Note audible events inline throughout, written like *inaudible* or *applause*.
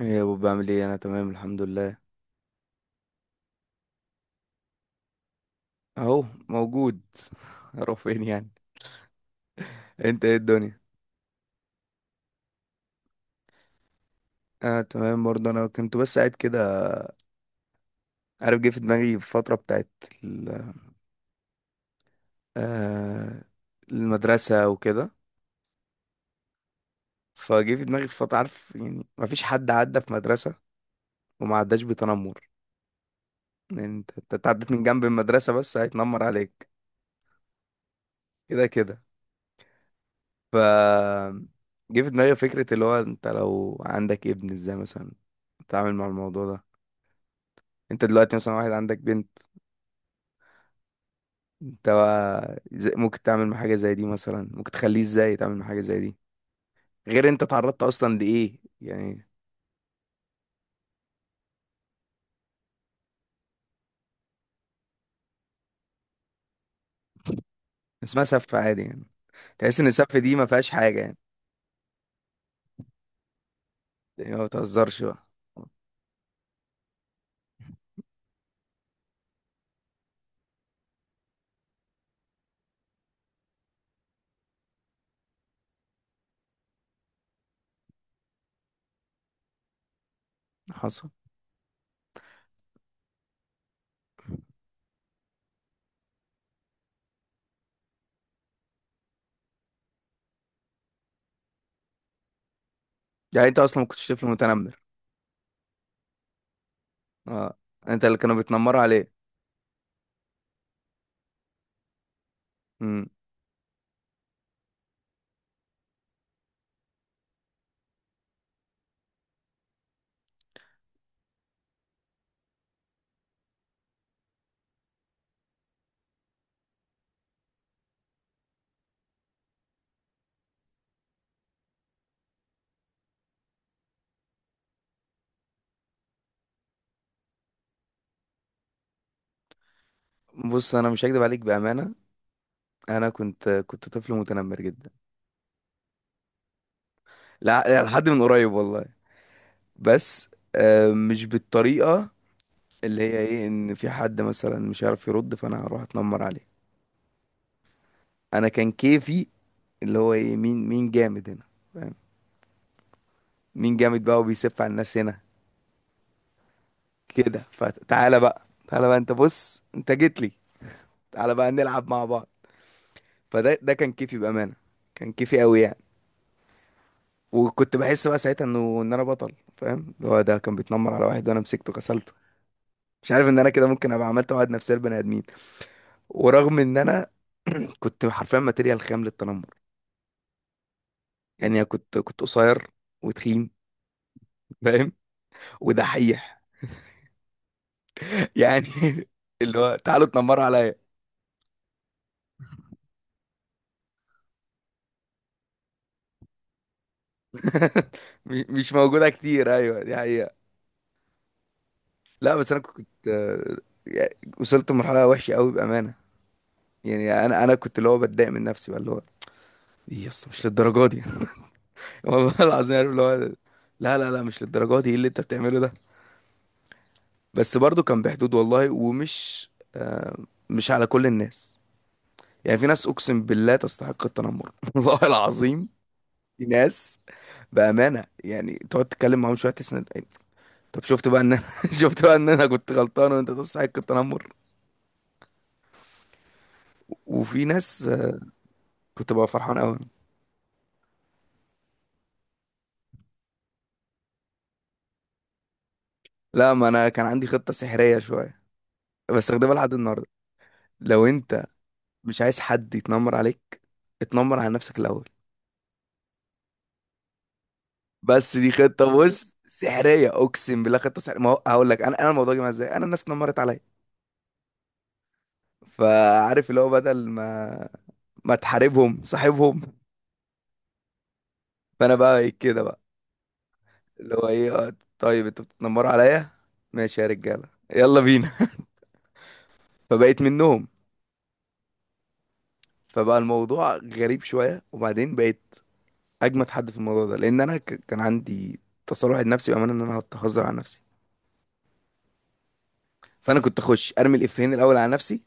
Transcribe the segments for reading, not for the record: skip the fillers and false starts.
ايه يا ابو بعمل ايه، انا تمام الحمد لله. اهو موجود. *laughs* اروح فين يعني؟ انت ايه الدنيا؟ اه تمام برضه، انا كنت بس قاعد كده. عارف، جه في دماغي الفتره بتاعت ال- آه المدرسه وكده. فجه في دماغي فتره، عارف يعني، ما فيش حد عدى في مدرسه وما عداش بتنمر. يعني انت عديت من جنب المدرسه بس هيتنمر عليك. كده كده. ف جه في دماغي فكره اللي هو انت لو عندك ابن، ازاي مثلا تتعامل مع الموضوع ده؟ انت دلوقتي مثلا واحد عندك بنت، انت بقى ممكن تعمل مع حاجة زي دي؟ مثلا ممكن تخليه ازاي تعمل مع حاجة زي دي غير انت تعرضت اصلا لايه يعني؟ اسمها سف عادي يعني، تحس ان السف دي ما فيهاش حاجة يعني؟ يعني ما بتهزرش بقى؟ حصل. يعني انت اصلا ما كنتش طفل متنمر؟ اه، انت اللي كانوا بيتنمروا عليه. امم. بص، انا مش هكدب عليك، بأمانة، انا كنت طفل متنمر جدا. لا لحد من قريب والله. بس مش بالطريقة اللي هي ايه، ان في حد مثلا مش عارف يرد فانا هروح اتنمر عليه. انا كان كيفي اللي هو ايه، مين جامد هنا، فاهم؟ مين جامد بقى وبيسف على الناس هنا كده. فتعالى بقى، تعالى بقى، انت بص انت جيت لي، تعالى بقى نلعب مع بعض. فده كان كيفي، بامانه كان كيفي قوي يعني. وكنت بحس بقى ساعتها انه ان انا بطل، فاهم؟ اللي هو ده كان بيتنمر على واحد وانا مسكته كسلته. مش عارف ان انا كده ممكن ابقى عملت عقد نفسيه لبني ادمين. ورغم ان انا *clears throat* كنت حرفيا ماتيريال خام للتنمر. يعني أنا كنت قصير وتخين، فاهم؟ ودحيح *laughs* يعني اللي هو تعالوا اتنمروا عليا. *laughs* مش موجودة كتير، أيوه دي حقيقة. لا بس أنا كنت يعني وصلت لمرحلة وحشة أوي بأمانة. يعني أنا كنت اللي هو بتضايق من نفسي بقى، اللي هو إيه يا اسطى مش للدرجة دي. *laughs* والله العظيم، عارف اللي هو لا لا لا مش للدرجة دي، إيه اللي أنت بتعمله ده؟ بس برضو كان بحدود والله، ومش آه، مش على كل الناس. يعني في ناس أقسم بالله تستحق التنمر. *laughs* والله العظيم في ناس، بأمانة يعني، تقعد تتكلم معاهم شوية تحس طب شفت بقى ان انا *laughs* شفت بقى ان انا كنت غلطان وانت تصحى كنت تنمر. وفي ناس كنت بقى فرحان قوي. لا، ما انا كان عندي خطة سحرية شوية بستخدمها لحد النهاردة. لو انت مش عايز حد يتنمر عليك، اتنمر على نفسك الاول. بس دي خطة، بص، سحرية اقسم بالله، خطة سحرية. ما هو- هقول لك، انا الموضوع جه معايا ازاي، انا الناس اتنمرت عليا. فعارف اللي هو بدل ما ما تحاربهم صاحبهم. فانا بقى إيه كده بقى، اللي هو ايه، طيب انتوا بتتنمروا عليا، ماشي يا رجاله، يلا بينا. *laughs* فبقيت منهم. فبقى الموضوع غريب شويه، وبعدين بقيت اجمد حد في الموضوع ده، لان انا كان عندي تصالح لنفسي بامانه ان انا هزار على نفسي. فانا كنت اخش ارمي الافيهين الاول على نفسي.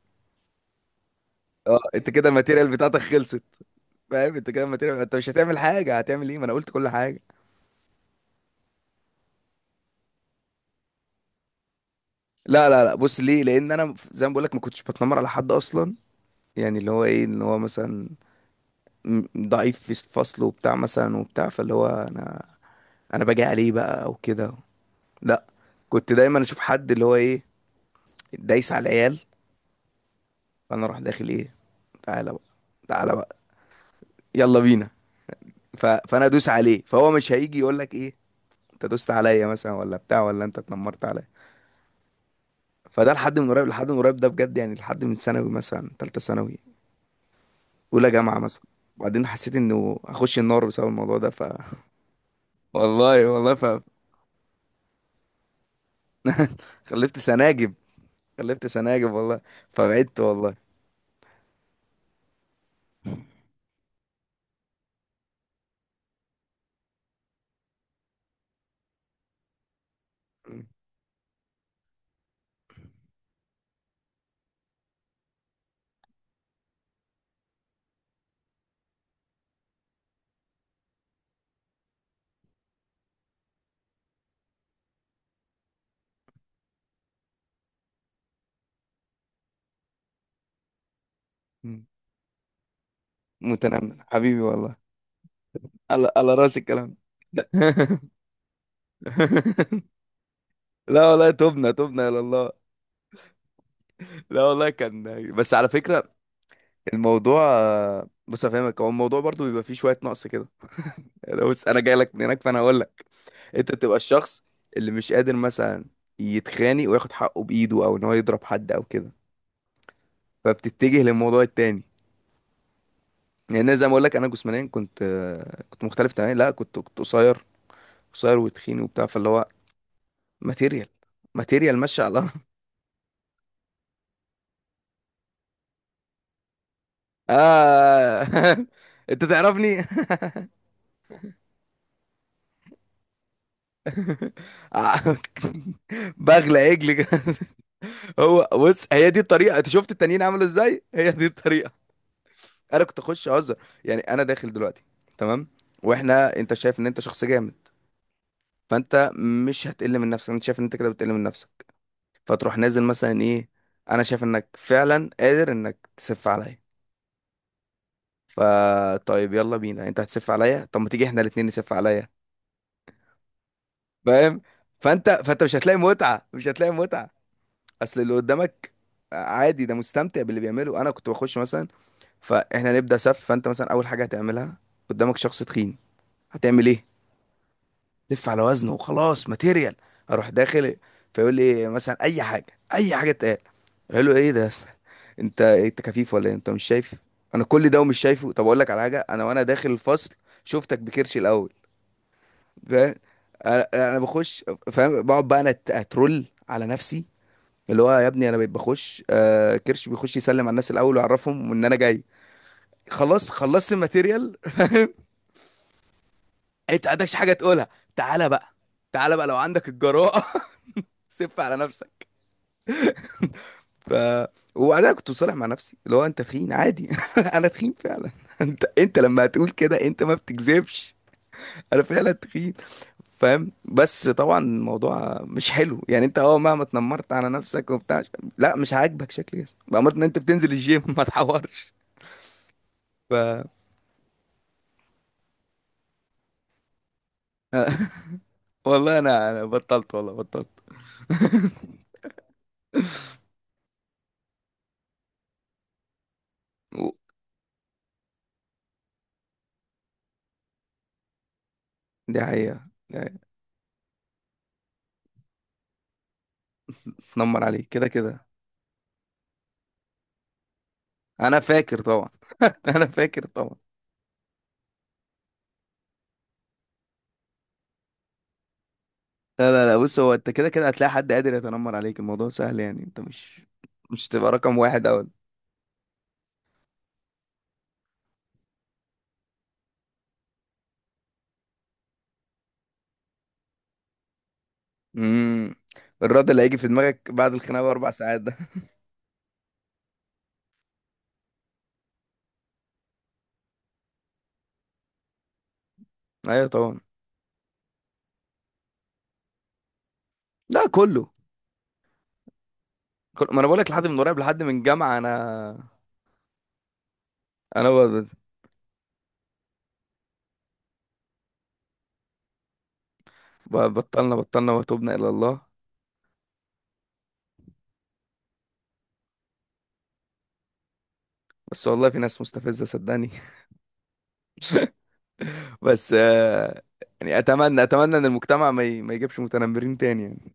اه، انت كده الماتيريال بتاعتك خلصت، فاهم؟ انت كده الماتيريال، انت مش هتعمل حاجه، هتعمل ايه؟ ما انا قلت كل حاجه. لا لا لا، بص ليه، لان انا زي ما بقول لك ما كنتش بتنمر على حد اصلا. يعني اللي هو ايه، ان هو مثلا ضعيف في الفصل وبتاع مثلا وبتاع، فاللي هو انا، انا باجي عليه بقى او كده، لا. كنت دايما اشوف حد اللي هو ايه، دايس على العيال، فانا اروح داخل ايه، تعالى بقى، تعالى بقى، يلا بينا. فانا ادوس عليه، فهو مش هيجي يقول لك ايه، انت دوست عليا مثلا ولا بتاع ولا انت اتنمرت عليا. فده لحد من قريب، لحد من قريب ده بجد، يعني لحد من ثانوي مثلا، ثالثه ثانوي، اولى جامعه مثلا. وبعدين حسيت انه اخش النار بسبب الموضوع ده. *laughs* والله والله. *laughs* خلفت سناجب، خلفت سناجب والله. فبعدت والله. م- م. متنمر حبيبي والله. على على راس الكلام ده. *laughs* لا والله، تبنا تبنا الى الله. لا والله كان، بس على فكره الموضوع، بص افهمك، هو الموضوع برضو بيبقى فيه شويه نقص كده. يعني بص، انا جاي لك من هناك، فانا هقول لك، انت بتبقى الشخص اللي مش قادر مثلا يتخانق وياخد حقه بايده او ان هو يضرب حد او كده، فبتتجه للموضوع التاني. يعني أنا زي ما اقول لك، انا جسمانيا كنت مختلف تماما، لا كنت قصير، قصير وتخين وبتاع، فاللي هو ماتيريال، ماتيريال ماشي على الارض. آه *laughs* انت تعرفني. *laughs* بغلى عجل كده. *laughs* هو بص، هي دي الطريقه، انت شفت التانيين عملوا ازاي؟ *laughs* هي دي الطريقه. انا كنت اخش اهزر. يعني انا داخل دلوقتي، تمام، واحنا انت شايف ان انت شخص جامد، فانت مش هتقل من نفسك، انت شايف ان انت كده بتقل من نفسك، فتروح نازل مثلا ايه، انا شايف انك فعلا قادر انك تسف عليا. فا طيب يلا بينا، انت هتسف عليا، طب ما تيجي احنا الاتنين نسف عليا، فاهم؟ فانت مش هتلاقي متعة، مش هتلاقي متعة. اصل اللي قدامك عادي ده مستمتع باللي بيعمله. انا كنت بخش مثلا، فاحنا نبدأ سف، فانت مثلا اول حاجة هتعملها، قدامك شخص تخين، هتعمل ايه؟ تلف على وزنه وخلاص، ماتيريال. اروح داخل فيقول لي مثلا اي حاجة، اي حاجة تقال، قال له ايه ده يا أسطى؟ انت كفيف ولا ايه؟ انت مش شايف انا كل ده ومش شايفه؟ طب اقول لك على حاجة، انا وانا داخل الفصل شفتك بكرشي الاول، فاهم؟ انا بخش، فاهم، بقعد بقى، انا اترول على نفسي، اللي هو يا ابني انا بقيت بخش، آه كرش بيخش يسلم على الناس الاول ويعرفهم ان انا جاي. خلاص، خلصت الماتيريال. *laughs* انت عندكش حاجه تقولها؟ تعالى بقى، تعالى بقى لو عندك الجراءه. *laughs* سف على نفسك. ف وبعدها كنت مصالح مع نفسي، اللي هو انت تخين عادي. *laughs* انا تخين فعلا. *laughs* انت لما هتقول كده انت ما بتكذبش، انا فعلا تخين، فاهم؟ بس طبعا الموضوع مش حلو يعني، انت اه مهما اتنمرت على نفسك وبتاع، لا مش عاجبك شكل جسمك بأمر ان انت بتنزل الجيم. *laughs* ما تحورش. ف والله انا، انا بطلت والله، بطلت. و- دي حقيقة يعني. اتنمر عليك كده كده، انا فاكر طبعا. *laughs* انا فاكر طبعا. لا لا لا، بص، هو انت كده كده هتلاقي حد قادر يتنمر عليك، الموضوع سهل يعني، انت مش، مش هتبقى رقم واحد اول. امم، الرد اللي هيجي في دماغك بعد الخناقه باربع ساعات ده. *laughs* ايوه طبعا. لا كله، ما انا بقول لك لحد من قريب، لحد من جامعة. انا انا ب... بطلنا بطلنا وتوبنا الى الله. بس والله في ناس مستفزة صدقني. *laughs* بس يعني اتمنى اتمنى ان المجتمع ما يجيبش متنمرين تاني يعني.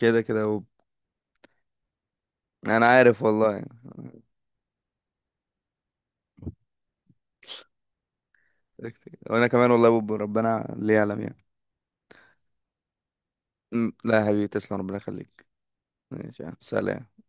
كده كده يا بوب. انا عارف والله يعني، وانا كمان والله يا بوب، ربنا اللي يعلم يعني. لا يا حبيبي تسلم، ربنا يخليك. ماشي يا عم. سلام.